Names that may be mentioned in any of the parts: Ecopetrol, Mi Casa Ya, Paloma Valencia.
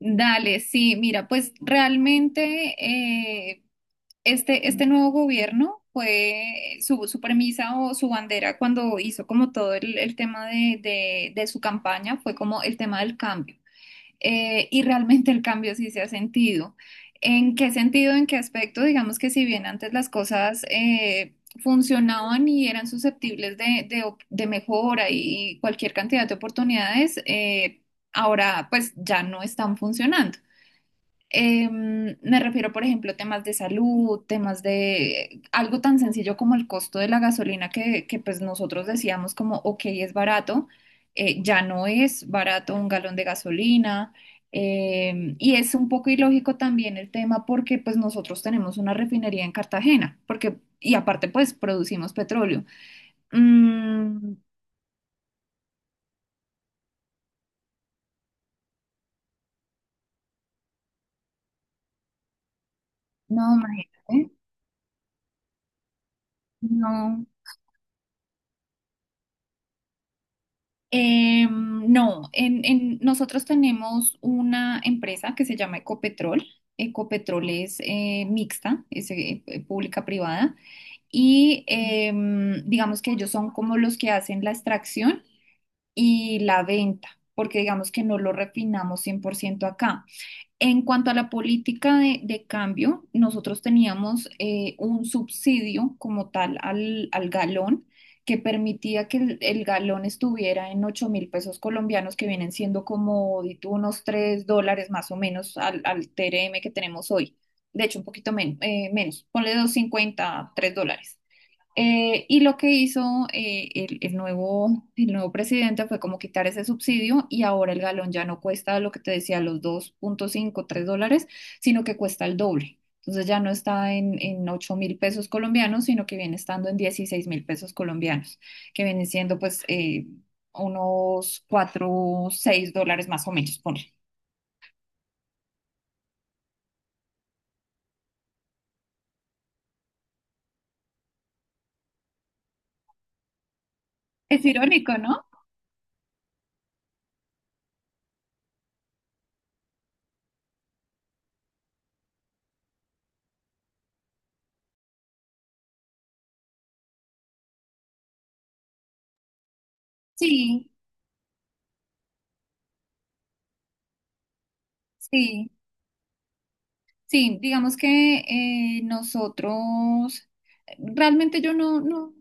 Dale, sí, mira, pues realmente eh, este nuevo gobierno fue su premisa o su bandera cuando hizo como todo el tema de su campaña fue como el tema del cambio. Y realmente el cambio sí se ha sentido. ¿En qué sentido, en qué aspecto? Digamos que si bien antes las cosas funcionaban y eran susceptibles de mejora y cualquier cantidad de oportunidades, ahora pues ya no están funcionando. Me refiero, por ejemplo, temas de salud, temas de algo tan sencillo como el costo de la gasolina que, pues nosotros decíamos como, ok, es barato, ya no es barato un galón de gasolina. Y es un poco ilógico también el tema porque pues nosotros tenemos una refinería en Cartagena, porque, y aparte pues producimos petróleo. Mm. No, imagínate, no. No, nosotros tenemos una empresa que se llama Ecopetrol. Ecopetrol es mixta, es pública-privada, y digamos que ellos son como los que hacen la extracción y la venta, porque digamos que no lo refinamos 100% acá. En cuanto a la política de cambio, nosotros teníamos un subsidio como tal al galón que permitía que el galón estuviera en 8.000 pesos colombianos, que vienen siendo como di tú, unos 3 dólares más o menos al TRM que tenemos hoy. De hecho, un poquito menos, ponle 253 dólares. Y lo que hizo el nuevo presidente fue como quitar ese subsidio y ahora el galón ya no cuesta lo que te decía, los 2,53 dólares, sino que cuesta el doble. Entonces ya no está en, 8.000 pesos colombianos, sino que viene estando en 16.000 pesos colombianos, que vienen siendo pues unos 4 a 6 dólares más o menos, ponle. Es irónico, ¿no? Sí, sí. Sí, digamos que eh, nosotros, realmente yo no, no,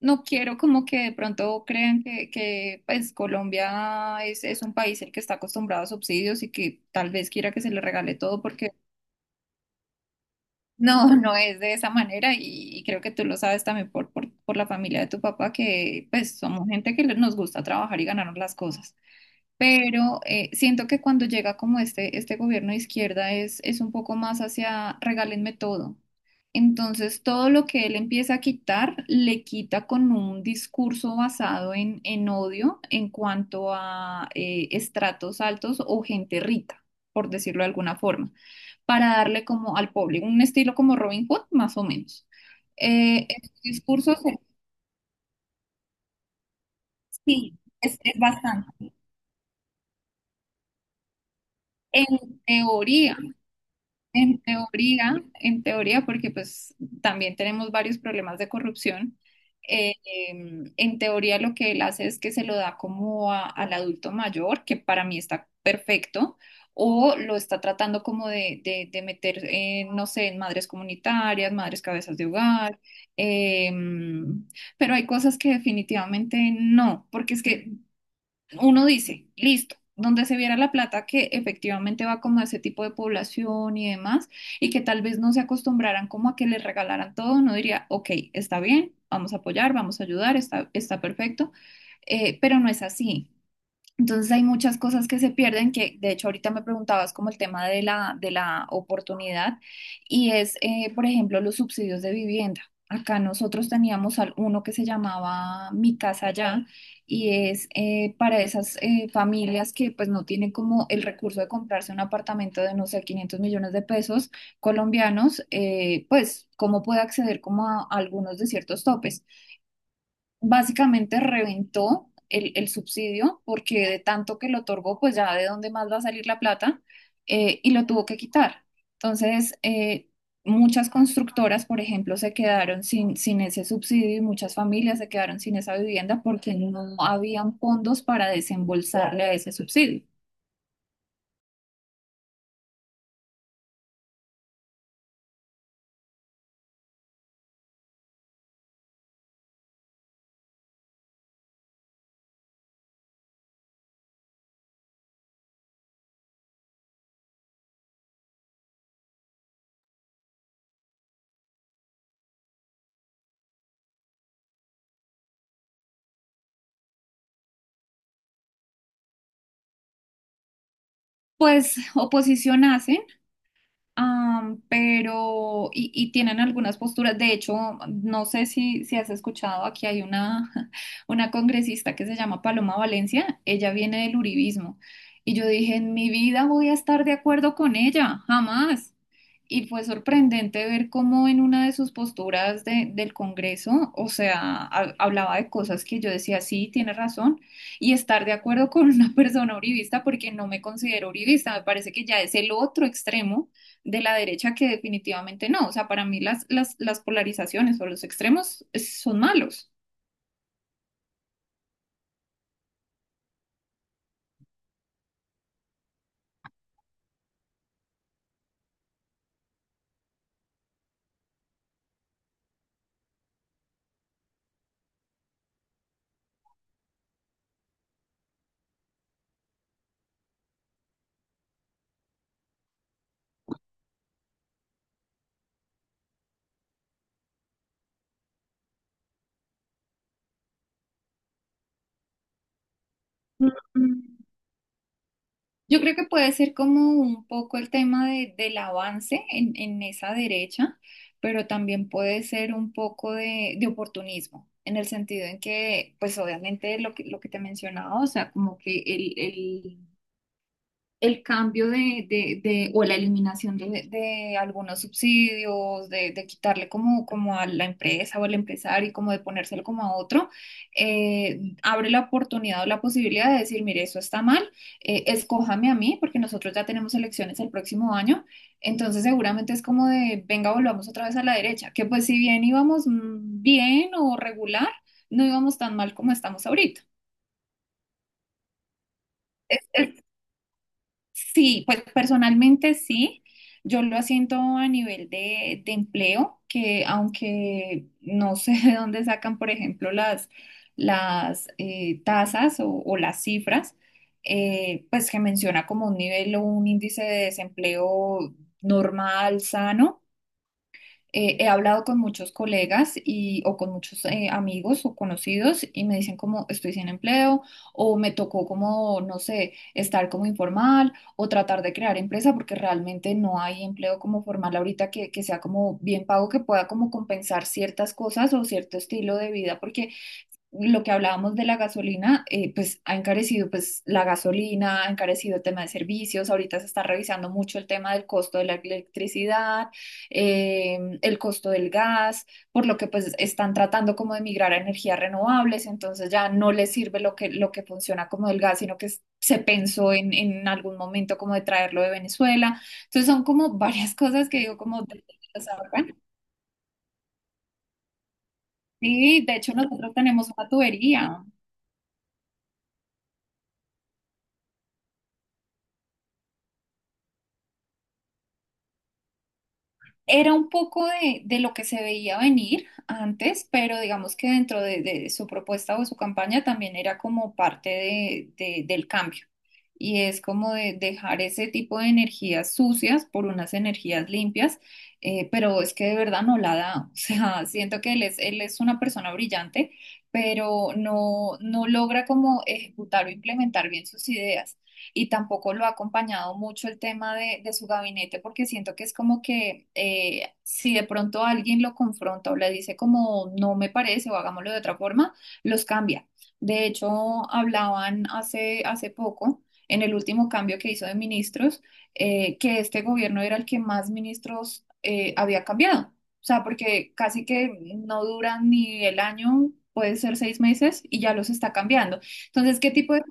no quiero como que de pronto crean que pues Colombia es un país el que está acostumbrado a subsidios y que tal vez quiera que se le regale todo porque no, no es de esa manera y creo que tú lo sabes también por la familia de tu papá que pues somos gente que nos gusta trabajar y ganarnos las cosas. Pero siento que cuando llega como este gobierno de izquierda es un poco más hacia regálenme todo. Entonces, todo lo que él empieza a quitar, le quita con un discurso basado en odio en cuanto a estratos altos o gente rica, por decirlo de alguna forma, para darle como al público un estilo como Robin Hood, más o menos. El discurso, sí, es bastante. En teoría. En teoría, porque pues también tenemos varios problemas de corrupción, eh, en teoría lo que él hace es que se lo da como al adulto mayor, que para mí está perfecto, o lo está tratando como de meter, no sé, en madres comunitarias, madres cabezas de hogar, em, pero hay cosas que definitivamente no, porque es que uno dice, listo, donde se viera la plata que efectivamente va como a ese tipo de población y demás, y que tal vez no se acostumbraran como a que les regalaran todo, uno diría, ok, está bien, vamos a apoyar, vamos a ayudar, está perfecto, pero no es así. Entonces hay muchas cosas que se pierden, que de hecho ahorita me preguntabas como el tema de la oportunidad y por ejemplo, los subsidios de vivienda. Acá nosotros teníamos uno que se llamaba Mi Casa Ya y es para esas familias que pues no tienen como el recurso de comprarse un apartamento de no sé 500 millones de pesos colombianos, pues cómo puede acceder como a algunos de ciertos topes básicamente reventó el subsidio porque de tanto que lo otorgó, pues ya de dónde más va a salir la plata y lo tuvo que quitar. Entonces, muchas constructoras, por ejemplo, se quedaron sin ese subsidio y muchas familias se quedaron sin esa vivienda porque no habían fondos para desembolsarle a ese subsidio. Pues oposición hace, pero, y tienen algunas posturas. De hecho, no sé si has escuchado, aquí hay una, una congresista que se llama Paloma Valencia, ella viene del uribismo. Y yo dije, en mi vida voy a estar de acuerdo con ella, jamás. Y fue sorprendente ver cómo en una de sus posturas del Congreso, o sea, hablaba de cosas que yo decía, sí, tiene razón, y estar de acuerdo con una persona uribista porque no me considero uribista, me parece que ya es el otro extremo de la derecha que definitivamente no, o sea, para mí las polarizaciones o los extremos son malos. Yo creo que puede ser como un poco el tema del avance en esa derecha, pero también puede ser un poco de oportunismo, en el sentido en que, pues obviamente lo que te mencionaba, o sea, como que el cambio o la eliminación de algunos subsidios, de quitarle como a la empresa o al empresario y como de ponérselo como a otro, abre la oportunidad o la posibilidad de decir, mire, eso está mal, escójame a mí, porque nosotros ya tenemos elecciones el próximo año, entonces seguramente es como de, venga, volvamos otra vez a la derecha, que pues si bien íbamos bien o regular, no íbamos tan mal como estamos ahorita. Sí, pues personalmente sí. Yo lo siento a nivel de empleo, que aunque no sé de dónde sacan, por ejemplo, las tasas o las cifras, pues que menciona como un nivel o un índice de desempleo normal, sano, he hablado con muchos colegas y, o con muchos amigos o conocidos y me dicen como estoy sin empleo o me tocó como, no sé, estar como informal o tratar de crear empresa porque realmente no hay empleo como formal ahorita que sea como bien pago, que pueda como compensar ciertas cosas o cierto estilo de vida porque lo que hablábamos de la gasolina, pues ha encarecido pues la gasolina, ha encarecido el tema de servicios, ahorita se está revisando mucho el tema del costo de la electricidad, el costo del gas, por lo que pues están tratando como de migrar a energías renovables, entonces ya no les sirve lo que funciona como el gas, sino que se pensó en algún momento como de traerlo de Venezuela. Entonces son como varias cosas que digo comode- Sí, de hecho nosotros tenemos una tubería. Era un poco de lo que se veía venir antes, pero digamos que dentro de su propuesta o su campaña también era como parte del cambio. Y es como de dejar ese tipo de energías sucias por unas energías limpias, pero es que de verdad no la da. O sea, siento que él es una persona brillante, pero no, no logra como ejecutar o implementar bien sus ideas y tampoco lo ha acompañado mucho el tema de su gabinete porque siento que es como que si de pronto alguien lo confronta o le dice como no me parece o hagámoslo de otra forma, los cambia. De hecho, hablaban hace poco, en el último cambio que hizo de ministros, que este gobierno era el que más ministros había cambiado. O sea, porque casi que no duran ni el año, puede ser 6 meses, y ya los está cambiando. Entonces, ¿qué tipo de?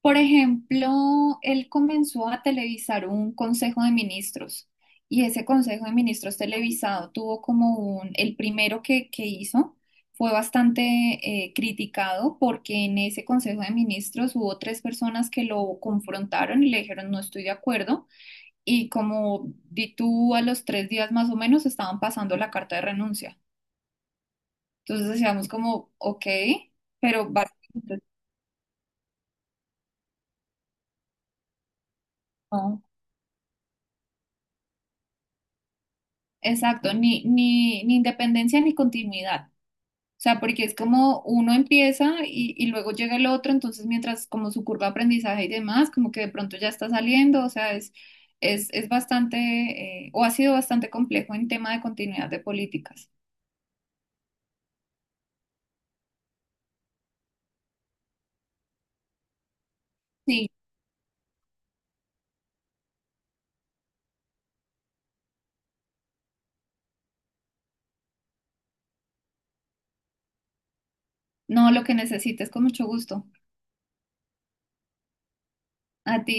Por ejemplo, él comenzó a televisar un consejo de ministros y ese consejo de ministros televisado tuvo el primero que hizo fue bastante criticado porque en ese consejo de ministros hubo tres personas que lo confrontaron y le dijeron no estoy de acuerdo y como di tú a los 3 días más o menos estaban pasando la carta de renuncia. Entonces decíamos como, ok, pero básicamente... no". Exacto, ni independencia ni continuidad. O sea, porque es como uno empieza y luego llega el otro, entonces mientras como su curva de aprendizaje y demás, como que de pronto ya está saliendo, o sea, es bastante, o ha sido bastante complejo en tema de continuidad de políticas. Sí, no, lo que necesites, con mucho gusto. A ti.